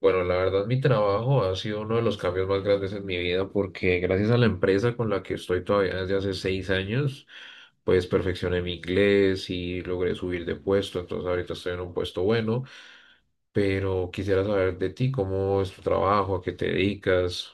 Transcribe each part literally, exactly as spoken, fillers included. Bueno, la verdad, mi trabajo ha sido uno de los cambios más grandes en mi vida porque gracias a la empresa con la que estoy todavía desde hace seis años, pues perfeccioné mi inglés y logré subir de puesto, entonces ahorita estoy en un puesto bueno, pero quisiera saber de ti, ¿cómo es tu trabajo? ¿A qué te dedicas?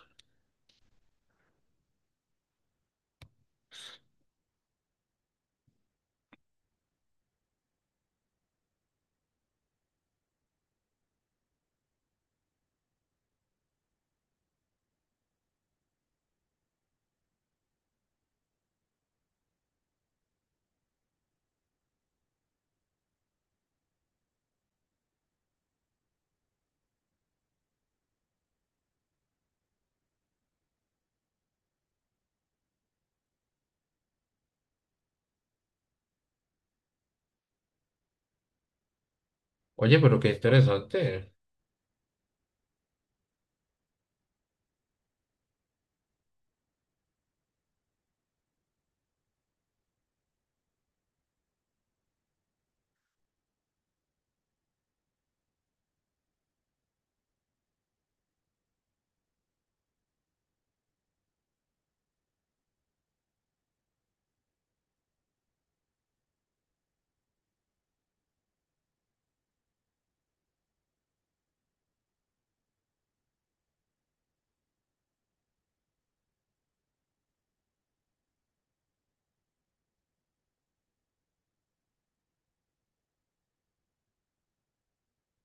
Oye, pero qué interesante.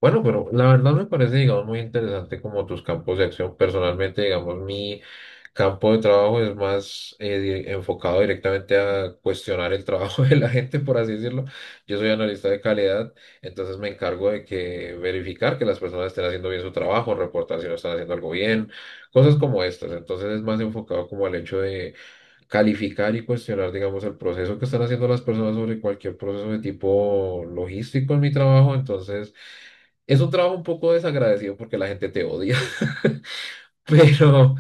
Bueno, pero la verdad me parece, digamos, muy interesante como tus campos de acción. Personalmente, digamos, mi campo de trabajo es más eh, di- enfocado directamente a cuestionar el trabajo de la gente, por así decirlo. Yo soy analista de calidad, entonces me encargo de que verificar que las personas estén haciendo bien su trabajo, reportar si no están haciendo algo bien, cosas como estas. Entonces es más enfocado como al hecho calificar y cuestionar, digamos, el proceso que están haciendo las personas sobre cualquier proceso de tipo logístico en mi trabajo. Entonces, es un trabajo un poco desagradecido porque la gente te odia. Pero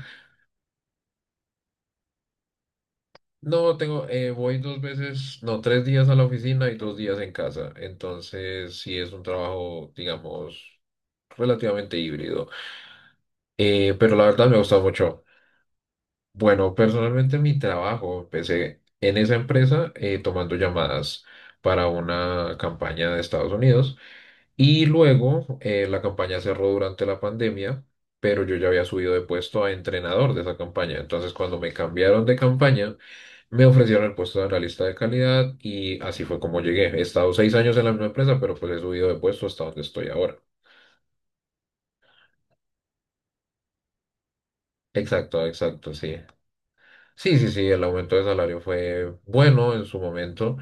no, tengo, eh, voy dos veces, no, tres días a la oficina y dos días en casa. Entonces, sí es un trabajo, digamos, relativamente híbrido. Eh, pero la verdad me gusta mucho. Bueno, personalmente mi trabajo empecé en esa empresa eh, tomando llamadas para una campaña de Estados Unidos y luego eh, la campaña cerró durante la pandemia, pero yo ya había subido de puesto a entrenador de esa campaña. Entonces, cuando me cambiaron de campaña, me ofrecieron el puesto de analista de calidad y así fue como llegué. He estado seis años en la misma empresa, pero pues he subido de puesto hasta donde estoy ahora. Exacto, exacto, sí. Sí, sí, sí, el aumento de salario fue bueno en su momento.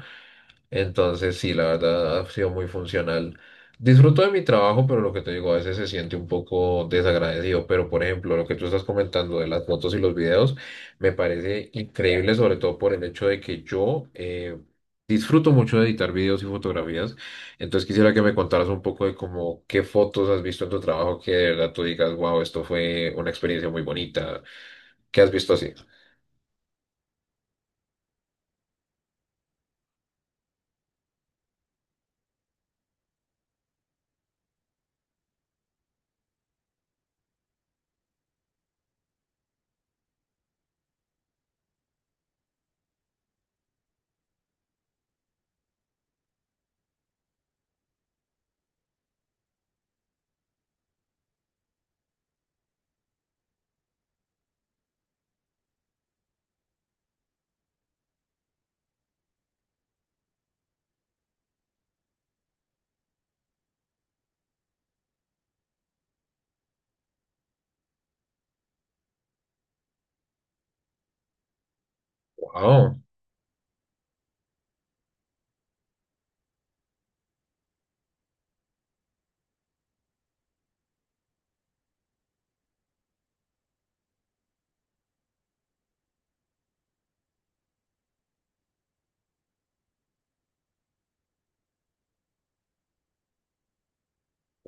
Entonces, sí, la verdad ha sido muy funcional. Disfruto de mi trabajo, pero lo que te digo, a veces se siente un poco desagradecido. Pero, por ejemplo, lo que tú estás comentando de las fotos y los videos, me parece increíble, sobre todo por el hecho de que yo eh, disfruto mucho de editar videos y fotografías. Entonces, quisiera que me contaras un poco de cómo qué fotos has visto en tu trabajo que de verdad tú digas, wow, esto fue una experiencia muy bonita. ¿Qué has visto así? Wow.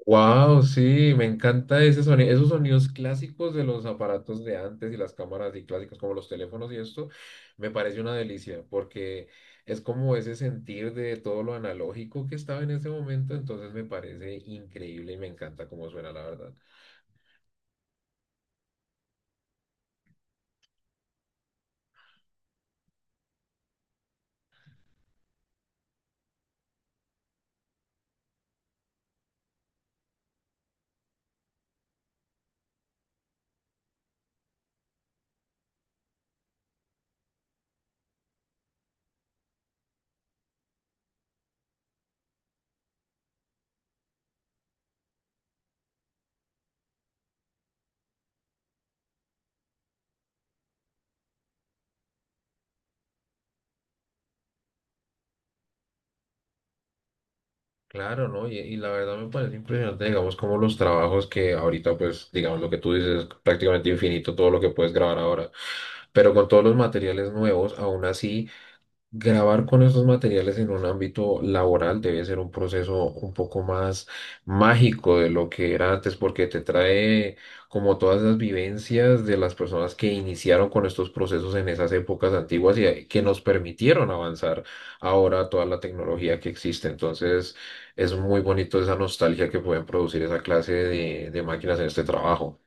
Wow, sí, me encanta ese sonido, esos sonidos clásicos de los aparatos de antes y las cámaras y clásicas como los teléfonos y esto, me parece una delicia porque es, como ese sentir de todo lo analógico que estaba en ese momento, entonces me parece increíble y me encanta cómo suena la verdad. Claro, ¿no? Y, y la verdad me parece impresionante, digamos, como los trabajos que ahorita, pues, digamos, lo que tú dices es prácticamente infinito todo lo que puedes grabar ahora, pero con todos los materiales nuevos, aún así. Grabar con estos materiales en un ámbito laboral debe ser un proceso un poco más mágico de lo que era antes, porque te trae como todas las vivencias de las personas que iniciaron con estos procesos en esas épocas antiguas y eh, que nos permitieron avanzar ahora toda la tecnología que existe. Entonces, es muy bonito esa nostalgia que pueden producir esa clase de, de máquinas en este trabajo.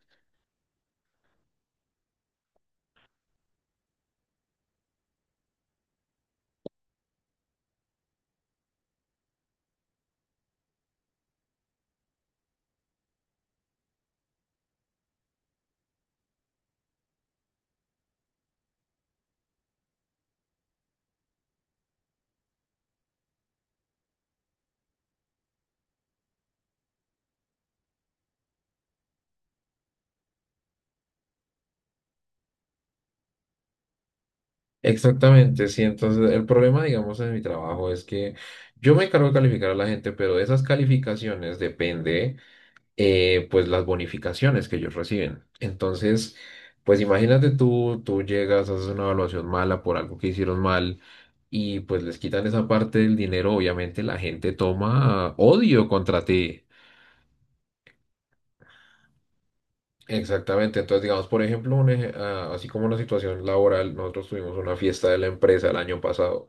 Exactamente, sí. Entonces, el problema, digamos, en mi trabajo es que yo me encargo de calificar a la gente, pero de esas calificaciones depende, eh, pues, las bonificaciones que ellos reciben. Entonces, pues, imagínate tú, tú llegas, haces una evaluación mala por algo que hicieron mal y, pues, les quitan esa parte del dinero. Obviamente, la gente toma odio contra ti. Exactamente, entonces digamos, por ejemplo, un ej- ah, así como una situación laboral, nosotros tuvimos una fiesta de la empresa el año pasado.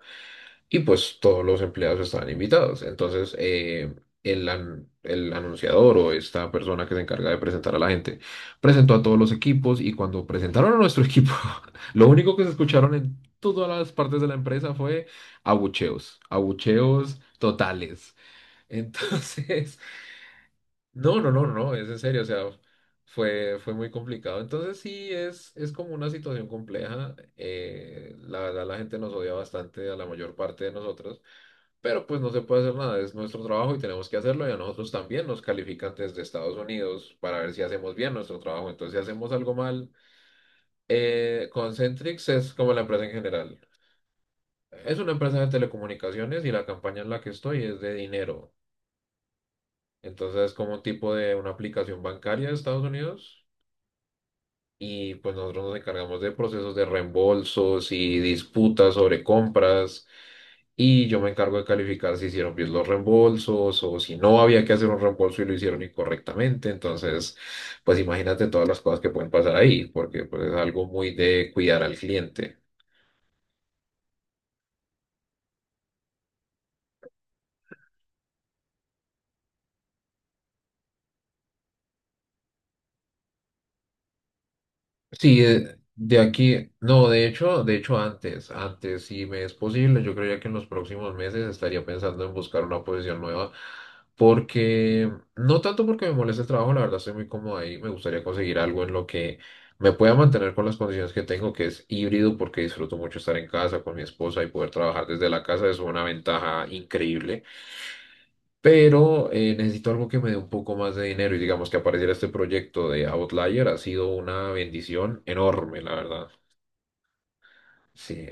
Y pues todos los empleados estaban invitados. Entonces, eh, el, an- el anunciador o esta persona que se encarga de presentar a la gente presentó a todos los equipos y cuando presentaron a nuestro equipo, lo único que se escucharon en todas las partes de la empresa fue abucheos, abucheos totales. Entonces, no, no, no, no, es en serio, o sea, fue, fue muy complicado. Entonces sí, es, es como una situación compleja. Eh, la verdad, la gente nos odia bastante a la mayor parte de nosotros, pero pues no se puede hacer nada, es nuestro trabajo y tenemos que hacerlo y a nosotros también nos califican desde Estados Unidos para ver si hacemos bien nuestro trabajo. Entonces, si hacemos algo mal. eh, Concentrix es como la empresa en general. Es una empresa de telecomunicaciones y la campaña en la que estoy es de dinero. Entonces, es como un tipo de una aplicación bancaria de Estados Unidos y pues nosotros nos encargamos de procesos de reembolsos y disputas sobre compras y yo me encargo de calificar si hicieron bien los reembolsos o si no había que hacer un reembolso y lo hicieron incorrectamente. Entonces, pues imagínate todas las cosas que pueden pasar ahí, porque pues es algo muy de cuidar al cliente. Sí, eh, de aquí, no, de hecho, de hecho antes, antes, si me es posible, yo creía que en los próximos meses estaría pensando en buscar una posición nueva, porque no tanto porque me moleste el trabajo, la verdad estoy muy cómodo ahí, me gustaría conseguir algo en lo que me pueda mantener con las condiciones que tengo, que es híbrido, porque disfruto mucho estar en casa con mi esposa y poder trabajar desde la casa es una ventaja increíble. Pero eh, necesito algo que me dé un poco más de dinero y digamos que apareciera este proyecto de Outlier ha sido una bendición enorme, la verdad. Sí.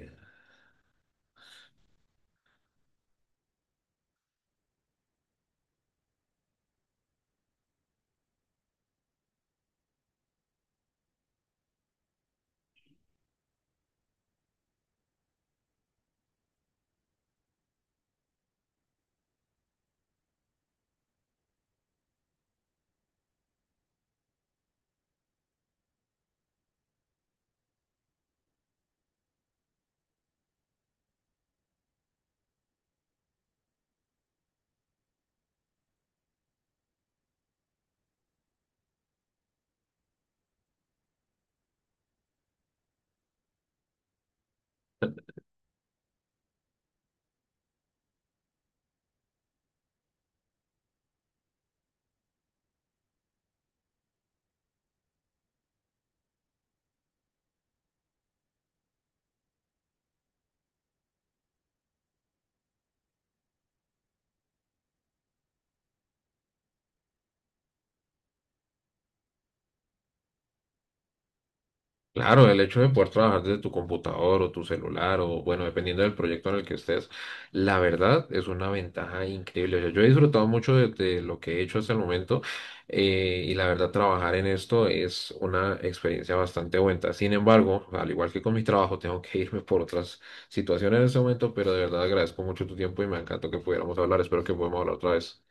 Claro, el hecho de poder trabajar desde tu computador o tu celular o bueno, dependiendo del proyecto en el que estés, la verdad es una ventaja increíble. O sea, yo he disfrutado mucho de, de lo que he hecho hasta el momento eh, y la verdad trabajar en esto es una experiencia bastante buena. Sin embargo, al igual que con mi trabajo, tengo que irme por otras situaciones en este momento, pero de verdad agradezco mucho tu tiempo y me encantó que pudiéramos hablar. Espero que podamos hablar otra vez.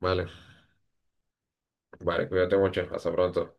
Vale, vale, cuídate mucho. Hasta pronto.